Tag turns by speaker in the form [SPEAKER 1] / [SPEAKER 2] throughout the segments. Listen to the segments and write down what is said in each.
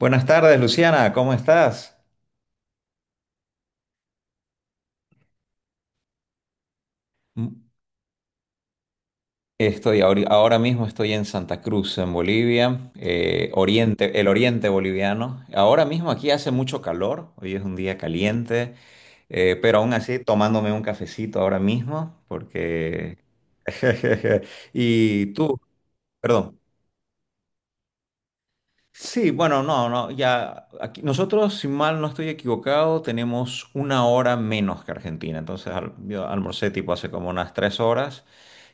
[SPEAKER 1] Buenas tardes, Luciana, ¿cómo estás? Mm, Estoy ahora mismo estoy en Santa Cruz, en Bolivia, oriente, el oriente boliviano. Ahora mismo aquí hace mucho calor, hoy es un día caliente, pero aún así tomándome un cafecito ahora mismo, porque... Y tú, perdón. Sí, bueno, no, no, ya aquí, nosotros, si mal no estoy equivocado, tenemos una hora menos que Argentina. Entonces, yo almorcé tipo hace como unas 3 horas.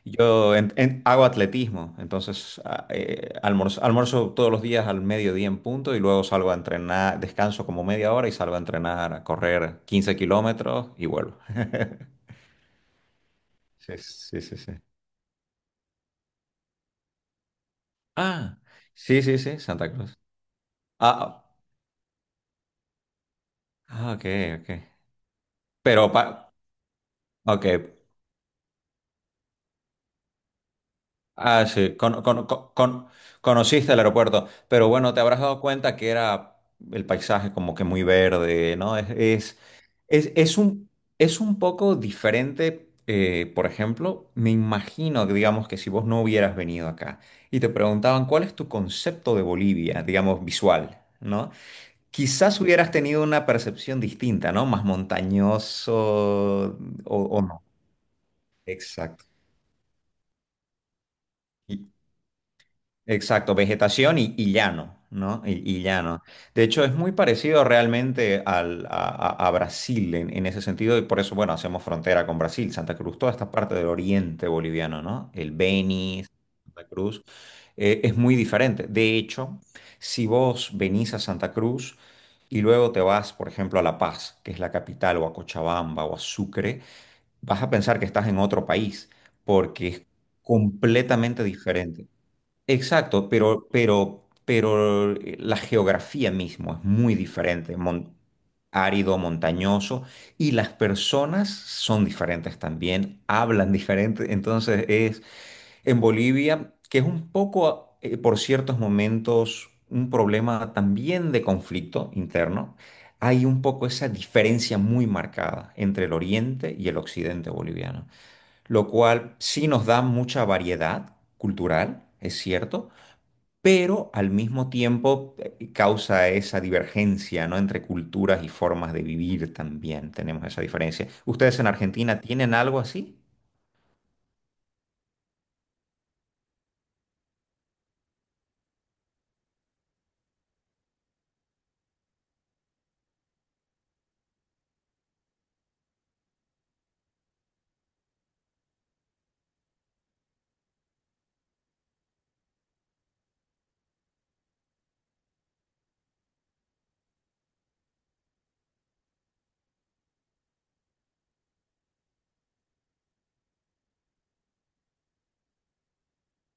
[SPEAKER 1] Yo hago atletismo, entonces almuerzo todos los días al mediodía en punto y luego salgo a entrenar, descanso como media hora y salgo a entrenar, a correr 15 kilómetros y vuelvo. Sí, sí, sí, sí. Ah, sí, sí, sí, Santa Cruz. Ah, ah, ok, ok. Pero, pa ok. Ah, sí, conociste el aeropuerto, pero bueno, te habrás dado cuenta que era el paisaje como que muy verde, ¿no? Es un, es un poco diferente, por ejemplo, me imagino, que, digamos, que si vos no hubieras venido acá y te preguntaban cuál es tu concepto de Bolivia, digamos, visual, ¿no? Quizás hubieras tenido una percepción distinta, ¿no? Más montañoso o no. Exacto. Exacto, vegetación y llano, ¿no? Y llano. De hecho, es muy parecido realmente a Brasil en ese sentido, y por eso, bueno, hacemos frontera con Brasil, Santa Cruz, toda esta parte del oriente boliviano, ¿no? El Beni, Santa Cruz, es muy diferente. De hecho, si vos venís a Santa Cruz y luego te vas, por ejemplo, a La Paz, que es la capital, o a Cochabamba o a Sucre, vas a pensar que estás en otro país, porque es completamente diferente. Exacto, pero la geografía mismo es muy diferente, árido, montañoso, y las personas son diferentes también, hablan diferente. Entonces es en Bolivia, que es un poco, por ciertos momentos, un problema también de conflicto interno, hay un poco esa diferencia muy marcada entre el oriente y el occidente boliviano, lo cual sí nos da mucha variedad cultural, es cierto, pero al mismo tiempo causa esa divergencia, ¿no? Entre culturas y formas de vivir también tenemos esa diferencia. ¿Ustedes en Argentina tienen algo así?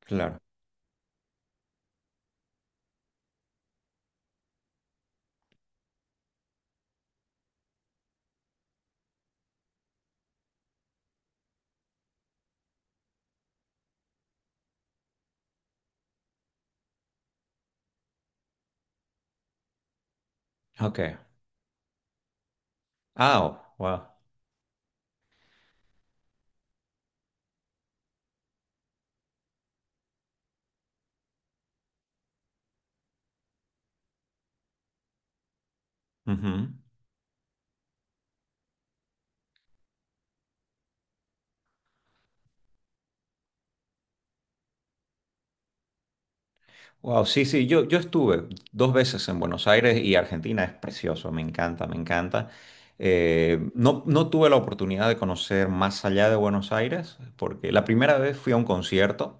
[SPEAKER 1] Claro. Ok. Ah, oh, wow. Ujú. Wow, sí, sí, yo estuve dos veces en Buenos Aires y Argentina es precioso, me encanta, me encanta. No, no tuve la oportunidad de conocer más allá de Buenos Aires, porque la primera vez fui a un concierto,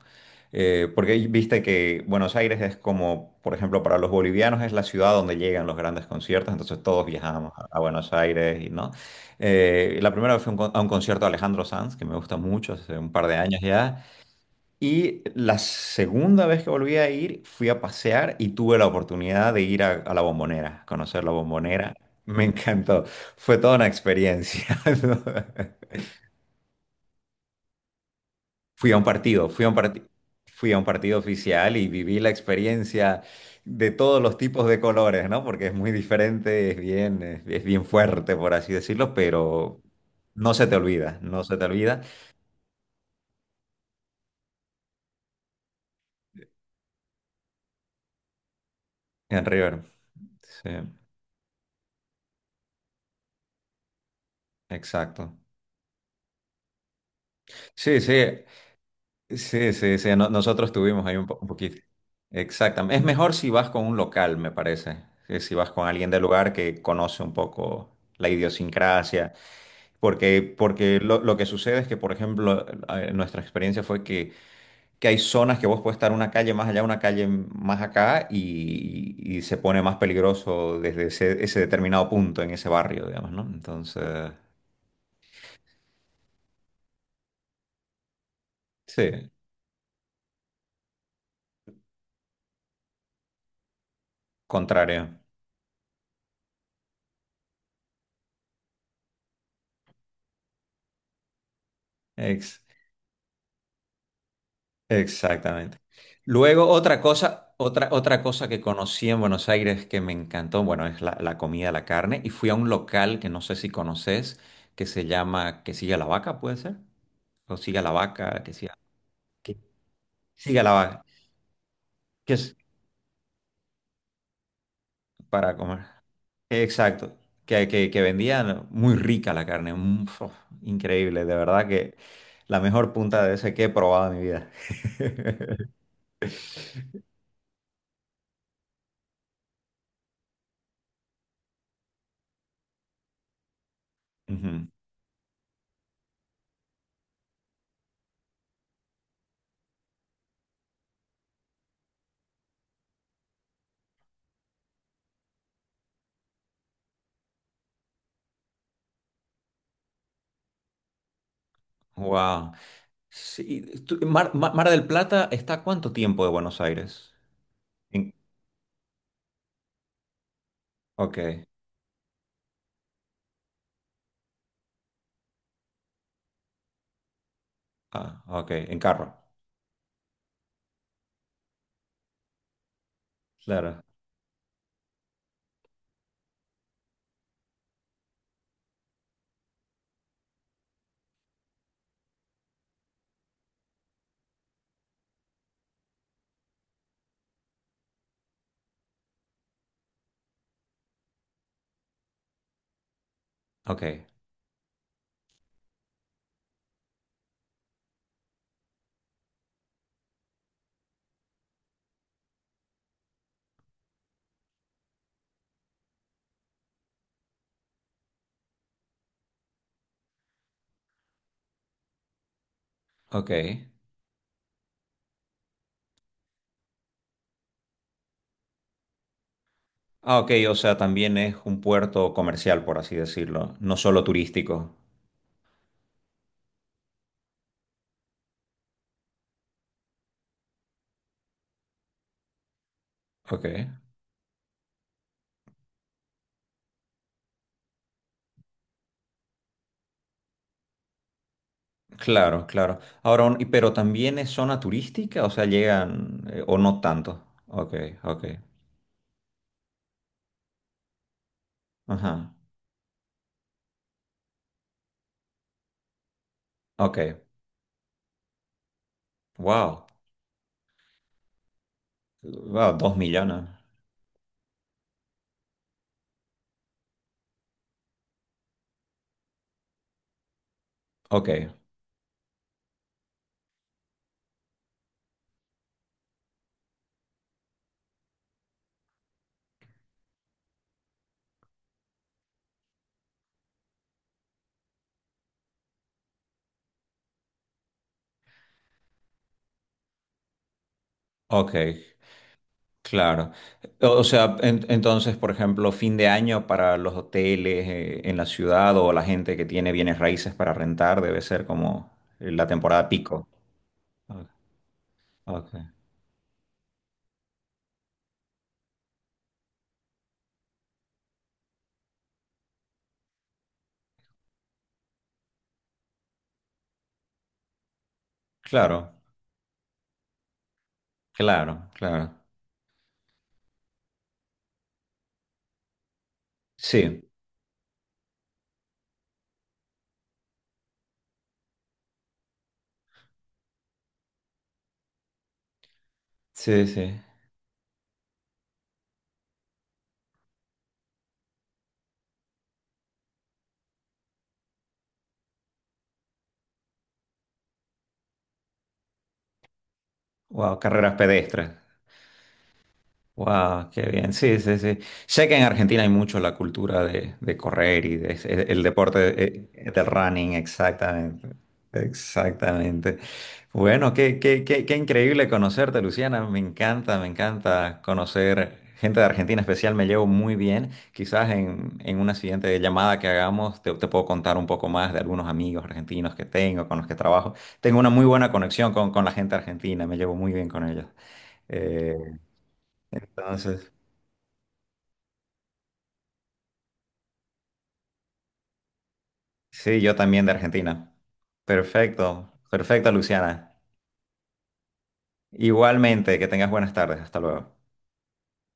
[SPEAKER 1] porque viste que Buenos Aires es como, por ejemplo, para los bolivianos es la ciudad donde llegan los grandes conciertos, entonces todos viajamos a Buenos Aires y no. La primera vez fue a un a un concierto de Alejandro Sanz, que me gusta mucho, hace un par de años ya. Y la segunda vez que volví a ir, fui a pasear y tuve la oportunidad de ir a la Bombonera, conocer la Bombonera. Me encantó. Fue toda una experiencia. ¿No? Fui a un partido, fui a un parti- fui a un partido oficial y viví la experiencia de todos los tipos de colores, ¿no? Porque es muy diferente, es bien, es bien fuerte, por así decirlo, pero no se te olvida, no se te olvida. En River, sí, exacto. Sí, sí, sí, sí, sí, nosotros tuvimos ahí un, un poquito. Exactamente. Es mejor si vas con un local, me parece, que si vas con alguien del lugar que conoce un poco la idiosincrasia, porque, porque lo que sucede es que, por ejemplo, nuestra experiencia fue que hay zonas que vos puedes estar una calle más allá, una calle más acá, y se pone más peligroso desde ese, ese determinado punto en ese barrio, digamos, ¿no? Entonces, sí, contrario. Ex- Exactamente. Luego, otra cosa, otra, otra cosa que conocí en Buenos Aires que me encantó, bueno, es la, la comida, la carne, y fui a un local que no sé si conoces, que se llama Que Siga la Vaca, ¿puede ser? O Siga la Vaca, que siga la vaca, que es para comer. Exacto, que vendían muy rica la carne, increíble, de verdad que la mejor punta de ese que he probado en mi vida. Wow. Sí, Mar del Plata está a cuánto tiempo de Buenos Aires? En, ok, ah, ok, en carro, claro. Ok, ok. Ah, ok, o sea, también es un puerto comercial, por así decirlo, no solo turístico. Ok, claro, claro. Ahora, pero también es zona turística, o sea, llegan, o no tanto. Ok, ok, ajá, ok, wow, wow, 2 millones. Ok, ok, claro. O sea, entonces, por ejemplo, fin de año para los hoteles en la ciudad o la gente que tiene bienes raíces para rentar debe ser como la temporada pico. Ah, ok. Claro, claro, claro. Sí, sí, sí. Wow, carreras pedestres. Wow, qué bien. Sí, sí, sí. Sé que en Argentina hay mucho la cultura de correr y de, el deporte del running, exactamente. Exactamente. Bueno, qué, qué, qué, qué increíble conocerte, Luciana. Me encanta conocer gente de Argentina especial. Me llevo muy bien. Quizás en una siguiente llamada que hagamos te puedo contar un poco más de algunos amigos argentinos que tengo, con los que trabajo. Tengo una muy buena conexión con la gente argentina. Me llevo muy bien con ellos. Eh, entonces... Sí, yo también de Argentina. Perfecto, perfecto, Luciana. Igualmente, que tengas buenas tardes. Hasta luego.